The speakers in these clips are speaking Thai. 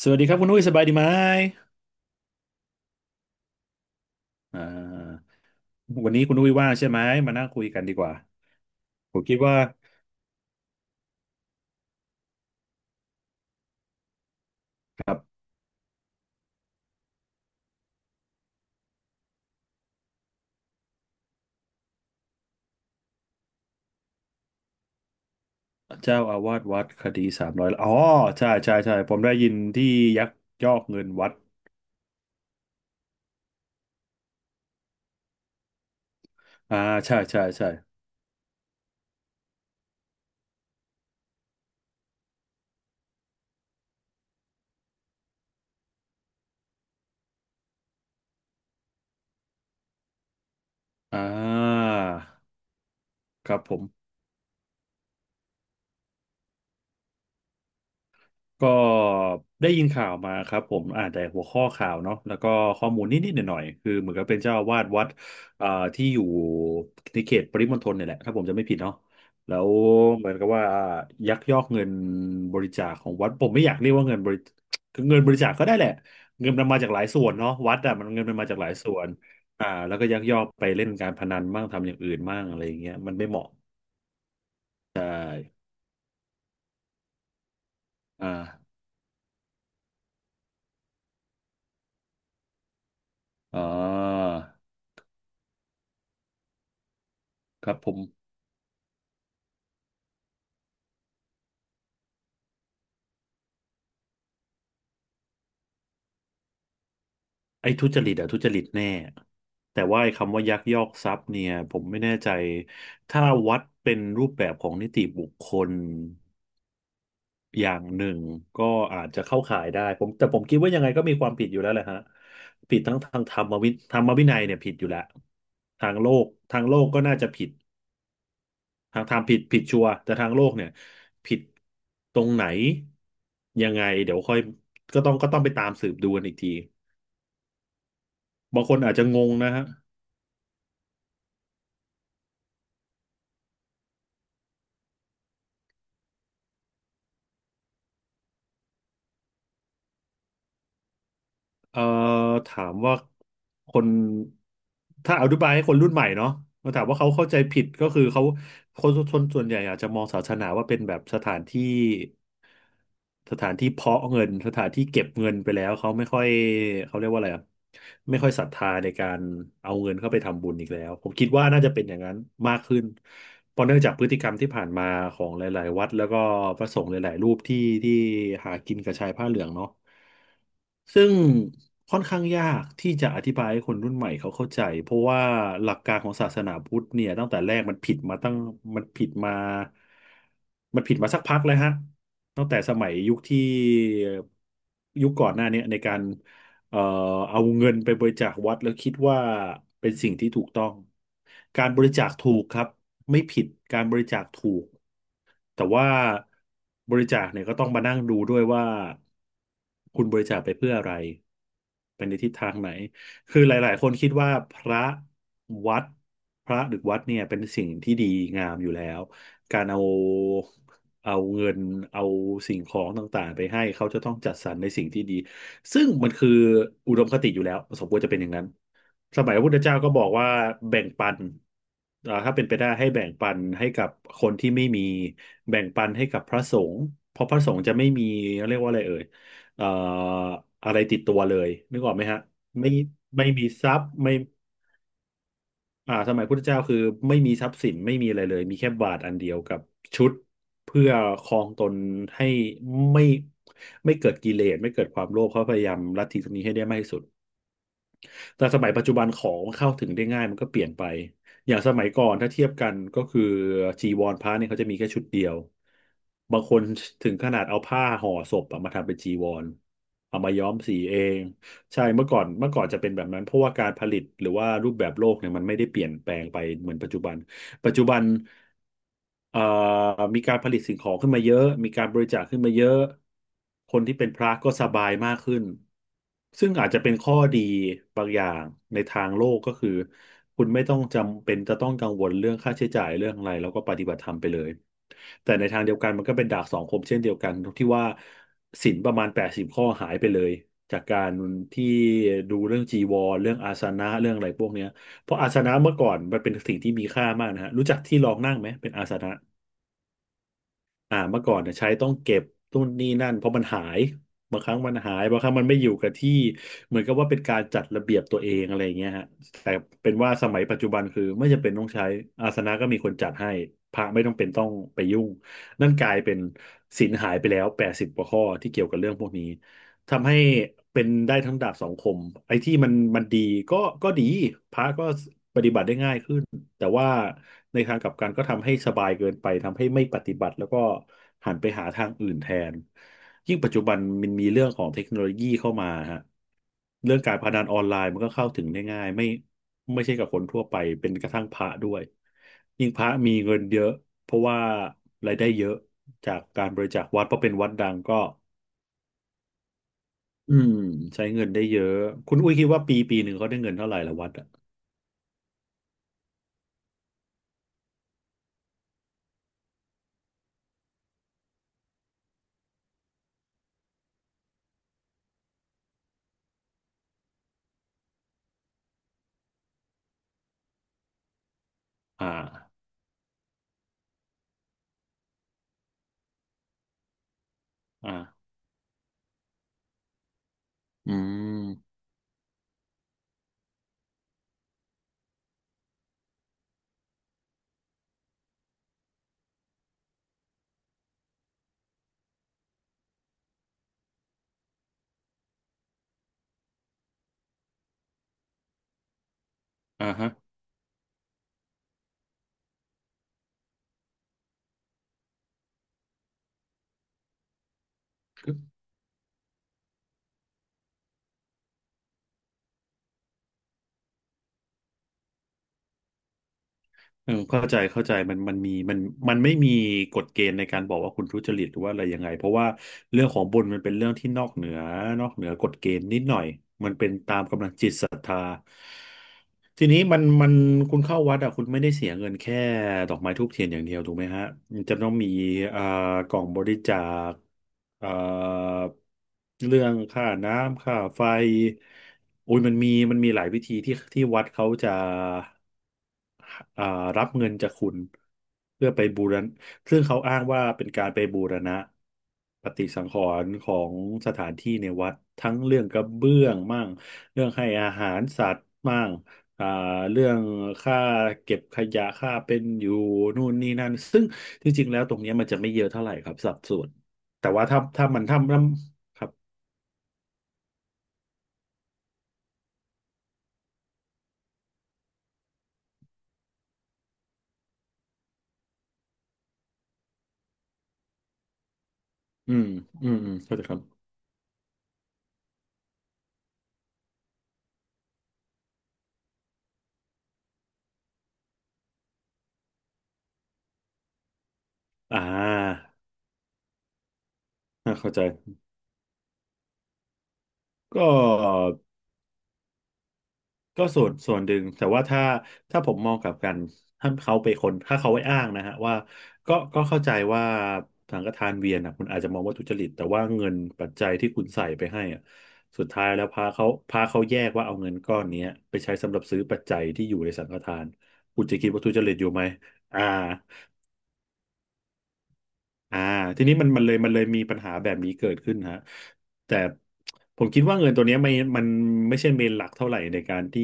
สวัสดีครับคุณอุ้ยสบายดีไหมอ่าวันนี้คุณอุ้ยว่างใช่ไหม มานั่งคุยกันดีกว่า ผมคิดว่ากับเจ้าอาวาสวัดคดี300อ๋อใช่ใช่ใช่ผมได้ยินที่ยักยอกเงินวัด อ่าใช่ใช่ใช่อ่า ครับผม ก็ได้ยินข่าวมาครับผมอ่านแต่หัวข้อข่าวเนาะแล้วก็ข้อมูลนิดๆหน่อยๆคือเหมือนกับเป็นเจ้าอาวาสวัดอ่าที่อยู่ในเขตปริมณฑลเนี่ยแหละถ้าผมจะไม่ผิดเนาะแล้วเหมือนกับว่ายักยอกเงินบริจาคของวัดผมไม่อยากเรียกว่าเงินบริคือเงินบริจาคก็ได้แหละเงินมันมาจากหลายส่วนเนาะวัดอะมันเงินมันมาจากหลายส่วนแล้วก็ยักยอกไปเล่นการพนันบ้างทำอย่างอื่นบ้างอะไรอย่างเงี้ยมันไม่เหมาะใช่อ่าอ๋อครับผม ไอ้ทุจริตอะทุจริตแน่แต่ว่าไอ้คำว่ายักยอกทรัพย์เนี่ยผมไม่แน่ใจถ้าวัดเป็นรูปแบบของนิติบุคคลอย่างหนึ่งก็อาจจะเข้าข่ายได้ผมแต่ผมคิดว่ายังไงก็มีความผิดอยู่แล้วแหละฮะผิดทั้งทางธรรมวิธรรมวินัยเนี่ยผิดอยู่แล้วทางโลกทางโลกก็น่าจะผิดทางธรรมผิดชัวร์แต่ทางโลกเนี่ยผิดตรงไหนยังไงเดี๋ยวค่อยก็ต้องไปตามสืบดูกันอีกทีบางคนอาจจะงงนะฮะ เอ่อถามว่าคนถ้าอธิบายให้คนรุ่นใหม่เนาะมาถามว่าเขาเข้าใจผิดก็คือเขาคนชนส่วนใหญ่อาจจะมองศาสนาว่าเป็นแบบสถานที่สถานที่เพาะเงินสถานที่เก็บเงินไปแล้วเขาไม่ค่อยเขาเรียกว่าอะไรอะไม่ค่อยศรัทธาในการเอาเงินเข้าไปทำบุญอีกแล้วผมคิดว่าน่าจะเป็นอย่างนั้นมากขึ้นเพราะเนื่องจากพฤติกรรมที่ผ่านมาของหลายๆวัดแล้วก็พระสงฆ์หลายๆรูปที่หากินกับชายผ้าเหลืองเนาะ ซึ่งค่อนข้างยากที่จะอธิบายให้คนรุ่นใหม่เขาเข้าใจเพราะว่าหลักการของศาสนาพุทธเนี่ยตั้งแต่แรกมันผิดมาตั้งมันผิดมามันผิดมาสักพักแล้วฮะตั้งแต่สมัยยุคที่ยุคก่อนหน้าเนี่ยในการเอ่อเอาเงินไปบริจาควัดแล้วคิดว่าเป็นสิ่งที่ถูกต้องการบริจาคถูกครับไม่ผิดการบริจาคถูก แต่ว่าบริจาคเนี่ยก็ต้องมานั่งดูด้วยว่าคุณบริจาคไปเพื่ออะไรไปนในทิศทางไหนคือหลายๆคนคิดว่าพระวัดพระหรือวัดเนี่ยเป็นสิ่งที่ดีงามอยู่แล้วการเอาเอาเงินเอาสิ่งของต่างๆไปให้เขาจะต้องจัดสรรในสิ่งที่ดีซึ่งมันคืออุดมคติอยู่แล้วสมควรจะเป็นอย่างนั้น สมัยพระพุทธเจ้าก็บอกว่าแบ่งปันถ้าเป็นไปได้ให้แบ่งปันให้กับคนที่ไม่มีแบ่งปันให้กับพระสงฆ์เพราะพระสงฆ์จะไม่มีเรียกว่าอะไรเอ่ยเอ่ออะไรติดตัวเลยนึกออกไหมฮะไม่ไม่มีทรัพย์ไม่อ่าสมัยพุทธเจ้าคือไม่มีทรัพย์สินไม่มีอะไรเลยมีแค่บาทอันเดียวกับชุดเพื่อครองตนให้ไม่ไม่เกิดกิเลสไม่เกิดความโลภเขาพยายามลัทธิตรงนี้ให้ได้มากที่สุด แต่สมัยปัจจุบันของมเข้าถึงได้ง่ายมันก็เปลี่ยนไปอย่างสมัยก่อนถ้าเทียบกันก็คือจีวรพระเนี่ยเขาจะมีแค่ชุดเดียวบางคนถึงขนาดเอาผ้าห่อศพอะมาทำเป็นจีวรเอามาย้อมสีเองใช่เมื่อก่อนจะเป็นแบบนั้นเพราะว่าการผลิตหรือว่ารูปแบบโลกเนี่ยมันไม่ได้เปลี่ยนแปลงไปเหมือนปัจจุบัน ปัจจุบันเอ่อมีการผลิตสิ่งของขึ้นมาเยอะมีการบริจาคขึ้นมาเยอะคนที่เป็นพระก็สบายมากขึ้นซึ่งอาจจะเป็นข้อดีบางอย่างในทางโลกก็คือคุณไม่ต้องจำเป็นจะต้องกังวลเรื่องค่าใช้จ่ายเรื่องอะไรแล้วก็ปฏิบัติธรรมไปเลยแต่ในทางเดียวกันมันก็เป็นดาบสองคมเช่นเดียวกันตรงที่ว่าศีลประมาณ80ข้อหายไปเลยจากการที่ดูเรื่องจีวรเรื่องอาสนะเรื่องอะไรพวกเนี้ย เพราะอาสนะเมื่อก่อนมันเป็นสิ่งที่มีค่ามากนะฮะรู้จักที่รองนั่งไหมเป็นอาสนะเมื่อก่อนเนี่ยใช้ต้องเก็บนู่นนี่นั่นเพราะมันหายบางครั้งมันหายบางครั้งมันไม่อยู่กับที่เหมือนกับว่าเป็นการจัดระเบียบตัวเองอะไรอย่างเงี้ยฮะแต่เป็นว่าสมัยปัจจุบันคือไม่จำเป็นต้องใช้อาสนะก็มีคนจัดให้พระไม่ต้องเป็นต้องไปยุ่งนั่นกลายเป็นศีลหายไปแล้วแปดสิบกว่าข้อที่เกี่ยวกับเรื่องพวกนี้ ทำให้เป็นได้ทั้งดาบสองคมไอ้ที่มันดีก็ก็ดีพระก็ปฏิบัติได้ง่ายขึ้นแต่ว่าในทางกลับกันก็ทำให้สบายเกินไปทำให้ไม่ปฏิบัติแล้วก็หันไปหาทางอื่นแทนยิ่งปัจจุบันมันมีเรื่องของเทคโนโลยีเข้ามาฮะเรื่องการพนันออนไลน์มันก็เข้าถึงได้ง่ายไม่ใช่กับคนทั่วไปเป็นกระทั่งพระด้วยยิ่งพระมีเงินเยอะเพราะว่ารายได้เยอะจากการบริจาควัดเพราะเป็นวัดดังก็ อืมใช้เงินได้เยอะคุณอุ้ยคิดว่าปีปีหนึ่งเขาได้เงินเท่าไหร่ละวัดอะอ่าอ่าอืมอ่าฮะเออเข้าใจเข้าใจมันมีมันไม่มีกฎเกณฑ์ในการบอกว่าคุณทุจริตหรือว่าอะไรยังไงเพราะว่าเรื่องของบุญมันเป็นเรื่องที่นอกเหนือกฎเกณฑ์นิดหน่อย ทีนี้มันคุณเข้าวัดอ่ะคุณไม่ได้เสียเงินแค่ดอกไม้ธูปเทียนอย่างเดียวถูกไหมฮะมันจะต้องมีเอ่อกล่องบริจาคเอ่อเรื่องค่าน้ำค่าไฟโอ้ยมันมีหลายวิธีที่วัดเขาจะ อ่ารับเงินจากคุณเพื่อไปบูรณะซึ่งเขาอ้างว่าเป็นการไปบูรณะปฏิสังขรณ์ของสถานที่ในวัดทั้งเรื่องกระเบื้องมั่งเรื่องให้อาหารสัตว์มั่งอ่าเรื่องค่าเก็บขยะค่าเป็นอยู่นู่นนี่นั่นซึ่งจริงๆแล้วตรงเนี้ยมันจะไม่เยอะเท่าไหร่ครับสัดส่วนแต่ว่าถ้ามันทำแล้วครับอืมอืมอืมเข้าใจครับอ่าเข้าใจก็ ก็ส่วนหนึ่งแต่ว่าถ้าผมมองกลับกันถ้าเขาไปอ้างนะฮะว่าก็เข้าใจว่าสังฆทานเวียนนะคุณอาจจะมองว่าทุจริตแต่ว่าเงินปัจจัยที่คุณใส่ไปให้อะสุดท้ายแล้วพาเขาแยกว่าเอาเงินก้อนเนี้ยไปใช้สำหรับซื้อปัจจัยที่อยู่ในสังฆทานคุณจะคิดว่าทุจริตอยู่ไหมอ่า อ่าทีนี้มันมันเลยมีปัญหาแบบนี้เกิดขึ้นฮะแต่ผมคิดว่าเงินตัวเนี้ยไม่มันไม่ใช่เมนหลักเท่าไหร่ในการที่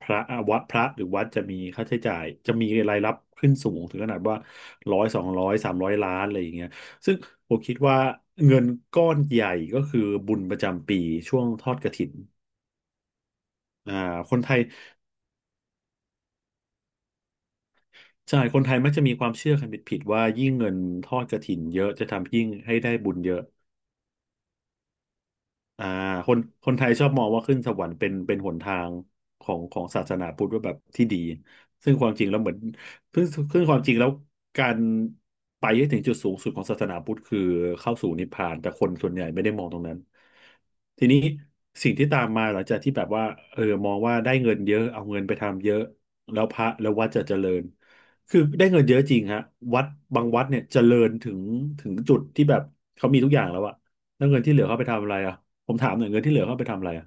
พระวัดพระหรือวัดจะมีค่าใช้จ่ายจะมีรายรับขึ้นสูงถึงขนาดว่าร้อยสองร้อยสามร้อยล้านอะไรอย่างเงี้ยซึ่งผมคิดว่าเงินก้อนใหญ่ก็คือบุญประจำปีช่วงทอดกฐินอ่าคนไทยใช่คนไทยมักจะมีความเชื่อกันผิดๆว่ายิ่งเงินทอดกฐินเยอะจะทำยิ่งให้ได้บุญเยอะ อ่าคนคนไทยชอบมองว่าขึ้นสวรรค์เป็นหนทางของศาสนาพุทธว่าแบบที่ดีซึ่งความจริงแล้วเหมือนซึ่งซึ่งความจริงแล้วการไปให้ถึงจุดสูงสุดของศาสนาพุทธคือเข้าสู่นิพพานแต่คนส่วนใหญ่ไม่ได้มองตรงนั้นทีนี้สิ่งที่ตามมาหลังจากที่แบบว่าเออมองว่าได้เงินเยอะเอาเงินไปทำเยอะแล้วพระแล้ววัดจะเจริญคือได้เงินเยอะจริงฮะวัดบางวัดเนี่ยเจริญถึงจุดที่แบบเขามีทุกอย่างแล้วอะแล้วเงินที่เหลือเขาไปทำอะไรอะ ผมถามหน่อยเงินที่เหลือเขาเอาไปทำอะไรอะ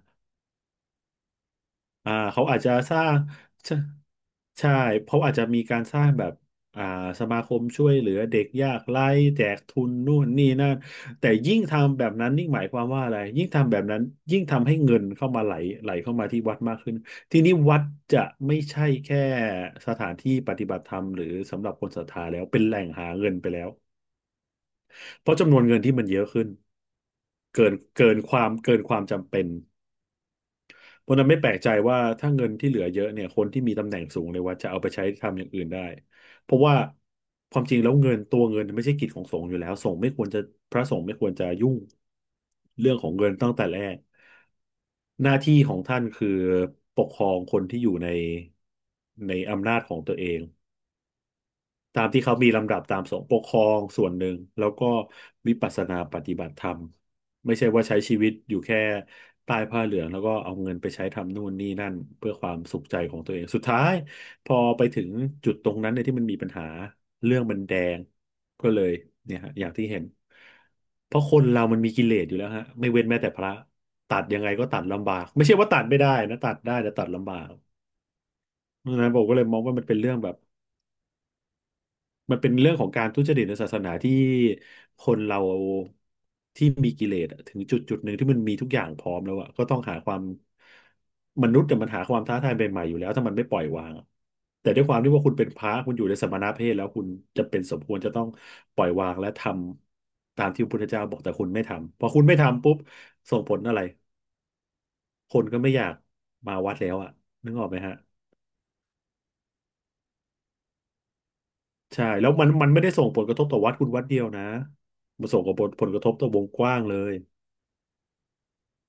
อ่าเขาอาจจะสร้างใช่ใช่เขาอาจจะมีการสร้างแบบอ่าสมาคมช่วยเหลือเด็กยากไร้แจกทุนนู่นนี่นั่นแต่ยิ่งทำแบบนั้นยิ่งหมายความว่าอะไรยิ่งทำแบบนั้นยิ่งทำให้เงินเข้ามาไหลเข้ามาที่วัดมากขึ้นทีนี้วัดจะไม่ใช่แค่สถานที่ปฏิบัติธรรมหรือสำหรับคนศรัทธาแล้วเป็นแหล่งหาเงินไปแล้วเพราะจำนวนเงินที่มันเยอะขึ้นเกินความจำเป็น เพราะฉะนั้นไม่แปลกใจว่าถ้าเงินที่เหลือเยอะเนี่ยคนที่มีตำแหน่งสูงในวัดจะเอาไปใช้ทำอย่างอื่นได้เพราะว่าความจริงแล้วเงินตัวเงินไม่ใช่กิจของสงฆ์อยู่แล้วสงฆ์ไม่ควรจะพระสงฆ์ไม่ควรจะยุ่งเรื่องของเงินตั้งแต่แรกหน้าที่ของท่านคือปกครองคนที่อยู่ในอำนาจของตัวเอง ตามที่เขามีลำดับตามสงฆ์ปกครองส่วนหนึ่ง แล้วก็วิปัสสนาปฏิบัติธรรม ไม่ใช่ว่าใช้ชีวิตอยู่แค่ใต้ผ้าเหลือง แล้วก็เอาเงินไปใช้ทำนู่นนี่นั่น เพื่อความสุขใจของตัวเอง สุดท้าย พอไปถึงจุดตรงนั้นเนี่ยที่มันมีปัญหา เรื่องมันแดง ก็เลยเนี่ยฮะอย่างที่เห็น เพราะคนเรามันมีกิเลสอยู่แล้วฮะ ไม่เว้นแม้แต่พระตัดยังไงก็ตัดลำบากไม่ใช่ว่าตัดไม่ได้นะตัดได้แต่ตัดลำบากเพราะฉะนั้นผมก็เลยมองว่ามันเป็นเรื่องแบบ มันเป็นเรื่องของการทุจริตในศาสนาที่คนเราที่มีกิเลสอะถึงจุดหนึ่งที่มันมีทุกอย่างพร้อมแล้วอะก็ต้องหาความมนุษย์แต่ยมันหาความท้าทายใหม่ๆอยู่แล้วถ้ามันไม่ปล่อยวางอะแต่ด้วยความที่ว่าคุณเป็นพระคุณอยู่ในสมณเพศแล้วคุณจะเป็นสมควรจะต้องปล่อยวางและทำตามที่พระพุทธเจ้าบอกแต่คุณไม่ทำพอคุณไม่ทำปุ๊บส่งผลอะไรคนก็ไม่อยากมาวัดแล้วอะนึกออกไหมฮะ ใช่แล้วมันไม่ได้ส่งผลกระทบต่อวัดคุณวัดเดียวนะมันส่งผลกระทบต่อวงกว้างเลย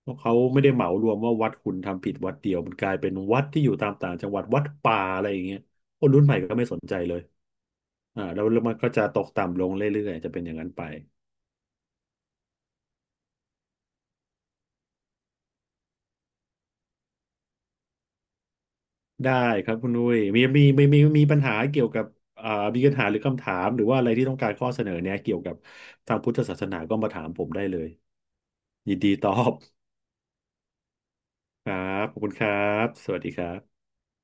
เพราะเขาไม่ได้เหมารวมว่าวัดคุณทำผิดวัดเดียวมันกลายเป็นวัดที่อยู่ตามต่างจังหวัดวัดป่าอะไรอย่างเงี้ยคนรุ่นใหม่ก็ไม่สนใจเลยแล้วมันก็จะตกต่ำลงเรื่อยๆจะเป็นอย่างนั้นไปได้ครับคุณนุ้ยมีปัญหาเกี่ยวกับอ่ามีปัญหาหรือคำถามหรือว่าอะไรที่ต้องการข้อเสนอเนยเกี่ยวกับทางพุทธศาสนาก็มาถามผมได้เลยยินดีตอบครับขอบคุณครับสวัสดีครับ